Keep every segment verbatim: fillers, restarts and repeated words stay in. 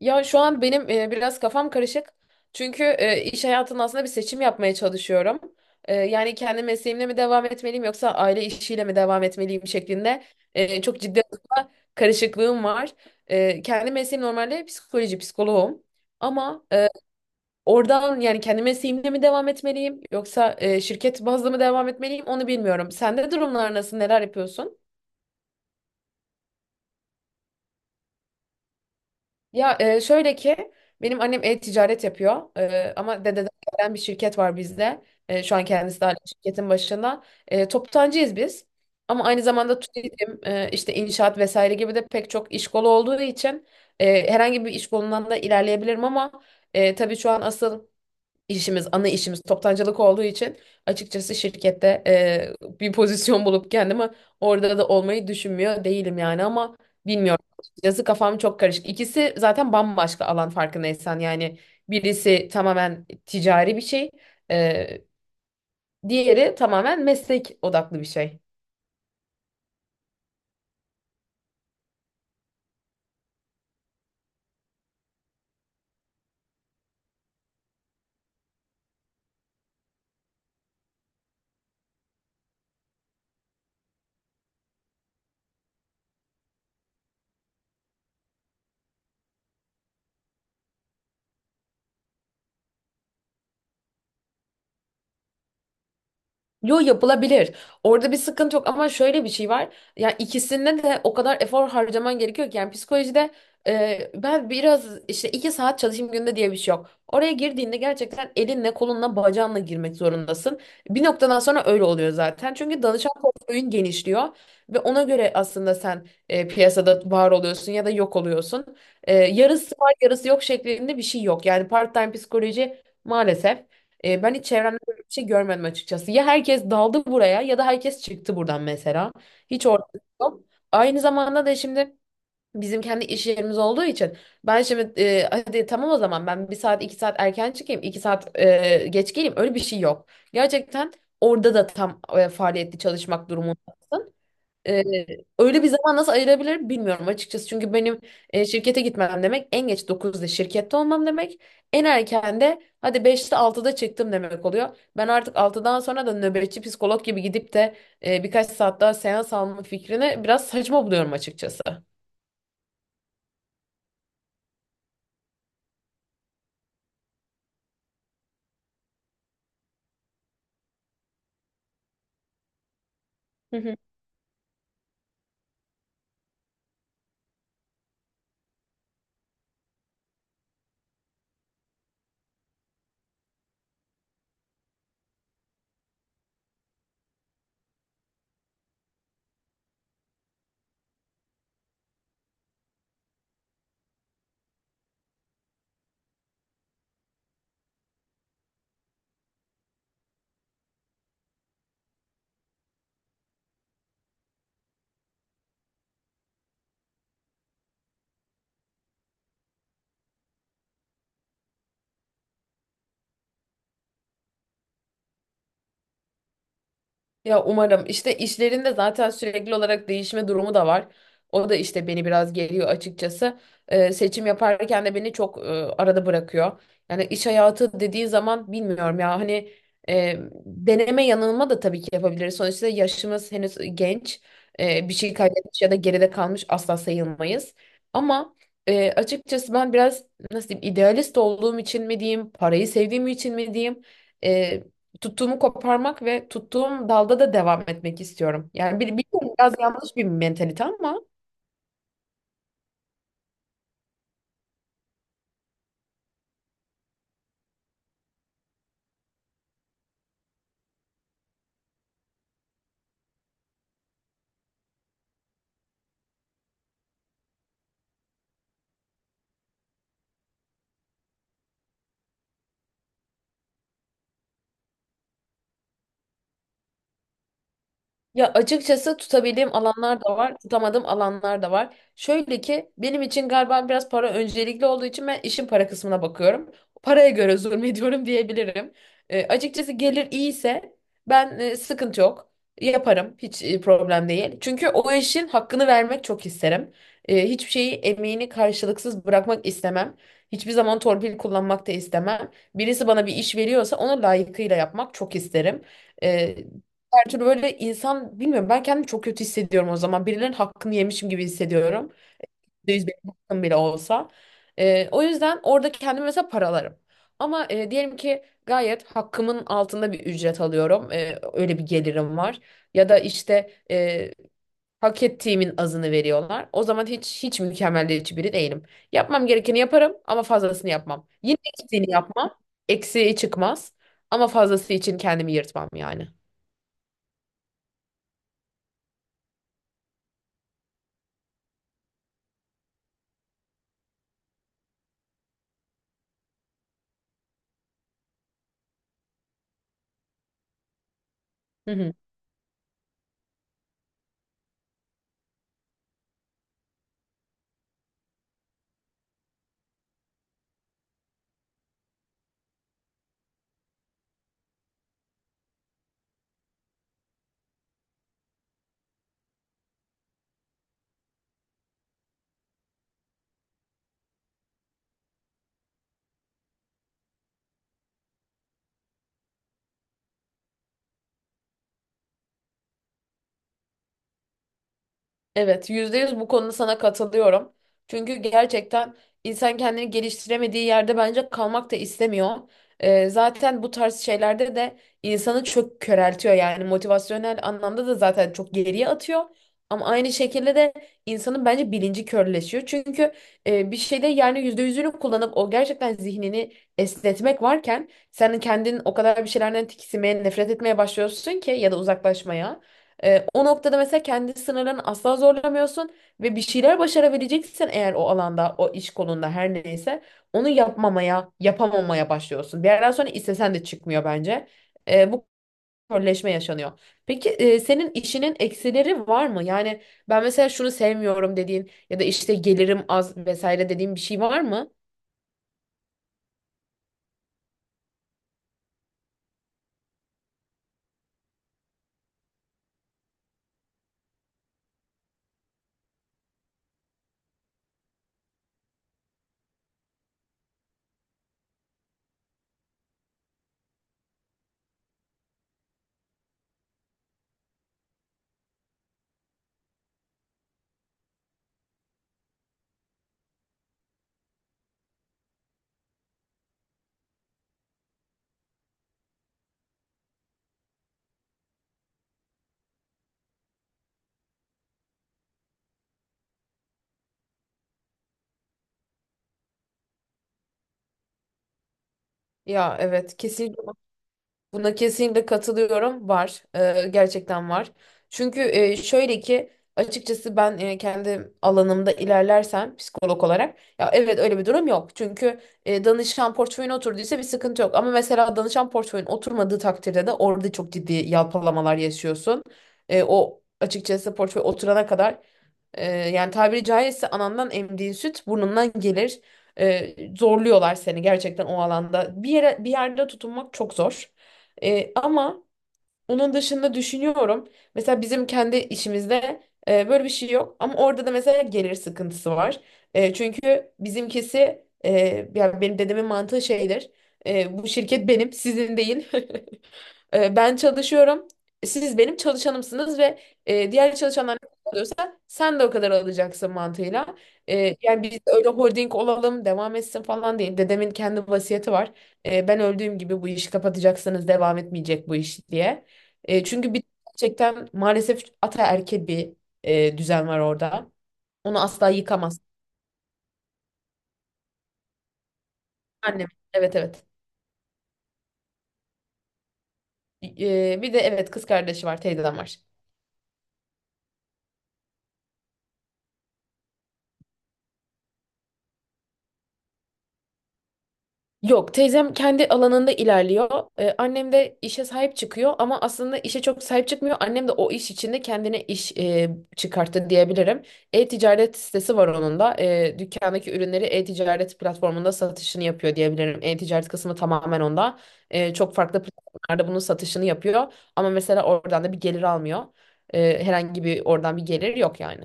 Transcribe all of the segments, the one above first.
Ya şu an benim e, biraz kafam karışık. Çünkü e, iş hayatında aslında bir seçim yapmaya çalışıyorum. E, yani kendi mesleğimle mi devam etmeliyim yoksa aile işiyle mi devam etmeliyim şeklinde e, çok ciddi anlamda karışıklığım var. E, kendi mesleğim normalde psikoloji, psikoloğum. Ama e, oradan yani kendi mesleğimle mi devam etmeliyim yoksa e, şirket bazlı mı devam etmeliyim onu bilmiyorum. Sende durumlar nasıl, neler yapıyorsun? Ya e, şöyle ki benim annem e-ticaret yapıyor E, ama dededen gelen bir şirket var bizde. E, şu an kendisi de hala şirketin başında. E, toptancıyız biz. Ama aynı zamanda turizm, e, işte inşaat vesaire gibi de pek çok iş kolu olduğu için e, herhangi bir iş kolundan da ilerleyebilirim ama e, tabii şu an asıl işimiz, ana işimiz toptancılık olduğu için açıkçası şirkette e, bir pozisyon bulup kendimi orada da olmayı düşünmüyor değilim yani ama bilmiyorum. Açıkçası kafam çok karışık. İkisi zaten bambaşka alan farkındaysan yani birisi tamamen ticari bir şey, e, diğeri tamamen meslek odaklı bir şey. Yo yapılabilir. Orada bir sıkıntı yok ama şöyle bir şey var. Ya ikisinde de o kadar efor harcaman gerekiyor ki yani psikolojide e, ben biraz işte iki saat çalışayım günde diye bir şey yok. Oraya girdiğinde gerçekten elinle, kolunla, bacağınla girmek zorundasın. Bir noktadan sonra öyle oluyor zaten. Çünkü danışan portföyün genişliyor ve ona göre aslında sen e, piyasada var oluyorsun ya da yok oluyorsun. E, yarısı var, yarısı yok şeklinde bir şey yok. Yani part-time psikoloji maalesef. E, ben hiç çevremde bir şey görmedim açıkçası. Ya herkes daldı buraya ya da herkes çıktı buradan mesela. Hiç ortada yok. Aynı zamanda da şimdi bizim kendi iş yerimiz olduğu için ben şimdi e, hadi tamam o zaman ben bir saat iki saat erken çıkayım iki saat e, geç geleyim öyle bir şey yok. Gerçekten orada da tam e, faaliyetli çalışmak durumunda. Ee, öyle bir zaman nasıl ayırabilirim bilmiyorum açıkçası. Çünkü benim e, şirkete gitmem demek en geç dokuzda şirkette olmam demek. En erken de hadi beşte altıda çıktım demek oluyor. Ben artık altıdan sonra da nöbetçi psikolog gibi gidip de e, birkaç saat daha seans alma fikrini biraz saçma buluyorum açıkçası. Hı hı. Ya umarım işte işlerinde zaten sürekli olarak değişme durumu da var. O da işte beni biraz geliyor açıkçası. Ee, seçim yaparken de beni çok e, arada bırakıyor. Yani iş hayatı dediği zaman bilmiyorum ya hani e, deneme yanılma da tabii ki yapabiliriz. Sonuçta yaşımız henüz genç. E, bir şey kaybetmiş ya da geride kalmış asla sayılmayız. Ama e, açıkçası ben biraz nasıl diyeyim idealist olduğum için mi diyeyim, parayı sevdiğim için mi diyeyim? e, tuttuğumu koparmak ve tuttuğum dalda da devam etmek istiyorum. Yani bir, biliyorum biraz yanlış bir mentalite ama. Ya açıkçası tutabildiğim alanlar da var, tutamadığım alanlar da var. Şöyle ki benim için galiba biraz para öncelikli olduğu için ben işin para kısmına bakıyorum. Paraya göre zulmediyorum diyebilirim. E, açıkçası gelir iyiyse ben e, sıkıntı yok. Yaparım hiç e, problem değil. Çünkü o işin hakkını vermek çok isterim. E, hiçbir şeyi emeğini karşılıksız bırakmak istemem. Hiçbir zaman torpil kullanmak da istemem. Birisi bana bir iş veriyorsa onu layıkıyla yapmak çok isterim. Ee, her türlü böyle insan bilmiyorum ben kendimi çok kötü hissediyorum o zaman. Birilerinin hakkını yemişim gibi hissediyorum. yüzde yüz benim hakkım bile olsa. Ee, o yüzden orada kendimi mesela paralarım. Ama e, diyelim ki gayet hakkımın altında bir ücret alıyorum. Ee, öyle bir gelirim var. Ya da işte hak ettiğimin azını veriyorlar. O zaman hiç hiç mükemmelliyetçi biri değilim. Yapmam gerekeni yaparım ama fazlasını yapmam. Yine eksiğini yapmam. Eksiği çıkmaz. Ama fazlası için kendimi yırtmam yani. Hı hı. Evet, yüzde yüz bu konuda sana katılıyorum. Çünkü gerçekten insan kendini geliştiremediği yerde bence kalmak da istemiyor. Ee, zaten bu tarz şeylerde de insanı çok köreltiyor yani motivasyonel anlamda da zaten çok geriye atıyor. Ama aynı şekilde de insanın bence bilinci körleşiyor. Çünkü e, bir şeyde yani yüzde yüzünü kullanıp o gerçekten zihnini esnetmek varken sen kendin o kadar bir şeylerden tiksinmeye, nefret etmeye başlıyorsun ki ya da uzaklaşmaya. Ee, o noktada mesela kendi sınırlarını asla zorlamıyorsun ve bir şeyler başarabileceksen eğer o alanda, o iş kolunda her neyse onu yapmamaya, yapamamaya başlıyorsun. Bir yerden sonra istesen de çıkmıyor bence. Ee, bu körleşme yaşanıyor. Peki e, senin işinin eksileri var mı? Yani ben mesela şunu sevmiyorum dediğin ya da işte gelirim az vesaire dediğin bir şey var mı? Ya evet kesin. Buna kesinlikle katılıyorum. Var. Ee, gerçekten var. Çünkü e, şöyle ki açıkçası ben e, kendi alanımda ilerlersem psikolog olarak ya evet öyle bir durum yok. Çünkü e, danışan portföyüne oturduysa bir sıkıntı yok. Ama mesela danışan portföyün oturmadığı takdirde de orada çok ciddi yalpalamalar yaşıyorsun. E, o açıkçası portföy oturana kadar ee, yani tabiri caizse anandan emdiğin süt burnundan gelir. Ee, zorluyorlar seni gerçekten o alanda. Bir yere bir yerde tutunmak çok zor. Ee, ama onun dışında düşünüyorum. Mesela bizim kendi işimizde e, böyle bir şey yok. Ama orada da mesela gelir sıkıntısı var. E, çünkü bizimkisi e, yani benim dedemin mantığı şeydir. E, bu şirket benim, sizin değil. E, ben çalışıyorum. Siz benim çalışanımsınız ve e, diğer çalışanlar ne kadar alıyorsa sen de o kadar alacaksın mantığıyla. E, yani biz öyle holding olalım devam etsin falan değil. Dedemin kendi vasiyeti var. E, ben öldüğüm gibi bu işi kapatacaksınız devam etmeyecek bu iş diye. E, çünkü bir gerçekten maalesef ataerkil bir e, düzen var orada. Onu asla yıkamaz. Annem evet evet. E, bir de evet kız kardeşi var teyzem var. Yok, teyzem kendi alanında ilerliyor. Ee, annem de işe sahip çıkıyor ama aslında işe çok sahip çıkmıyor. Annem de o iş içinde kendine iş e, çıkarttı diyebilirim. E-ticaret sitesi var onun da. Ee, dükkandaki ürünleri e-ticaret platformunda satışını yapıyor diyebilirim. E-ticaret kısmı tamamen onda. Ee, çok farklı platformlarda bunun satışını yapıyor. Ama mesela oradan da bir gelir almıyor. Ee, herhangi bir oradan bir gelir yok yani.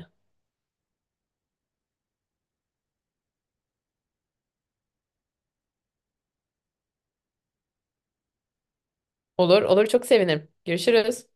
Olur, olur çok sevinirim. Görüşürüz.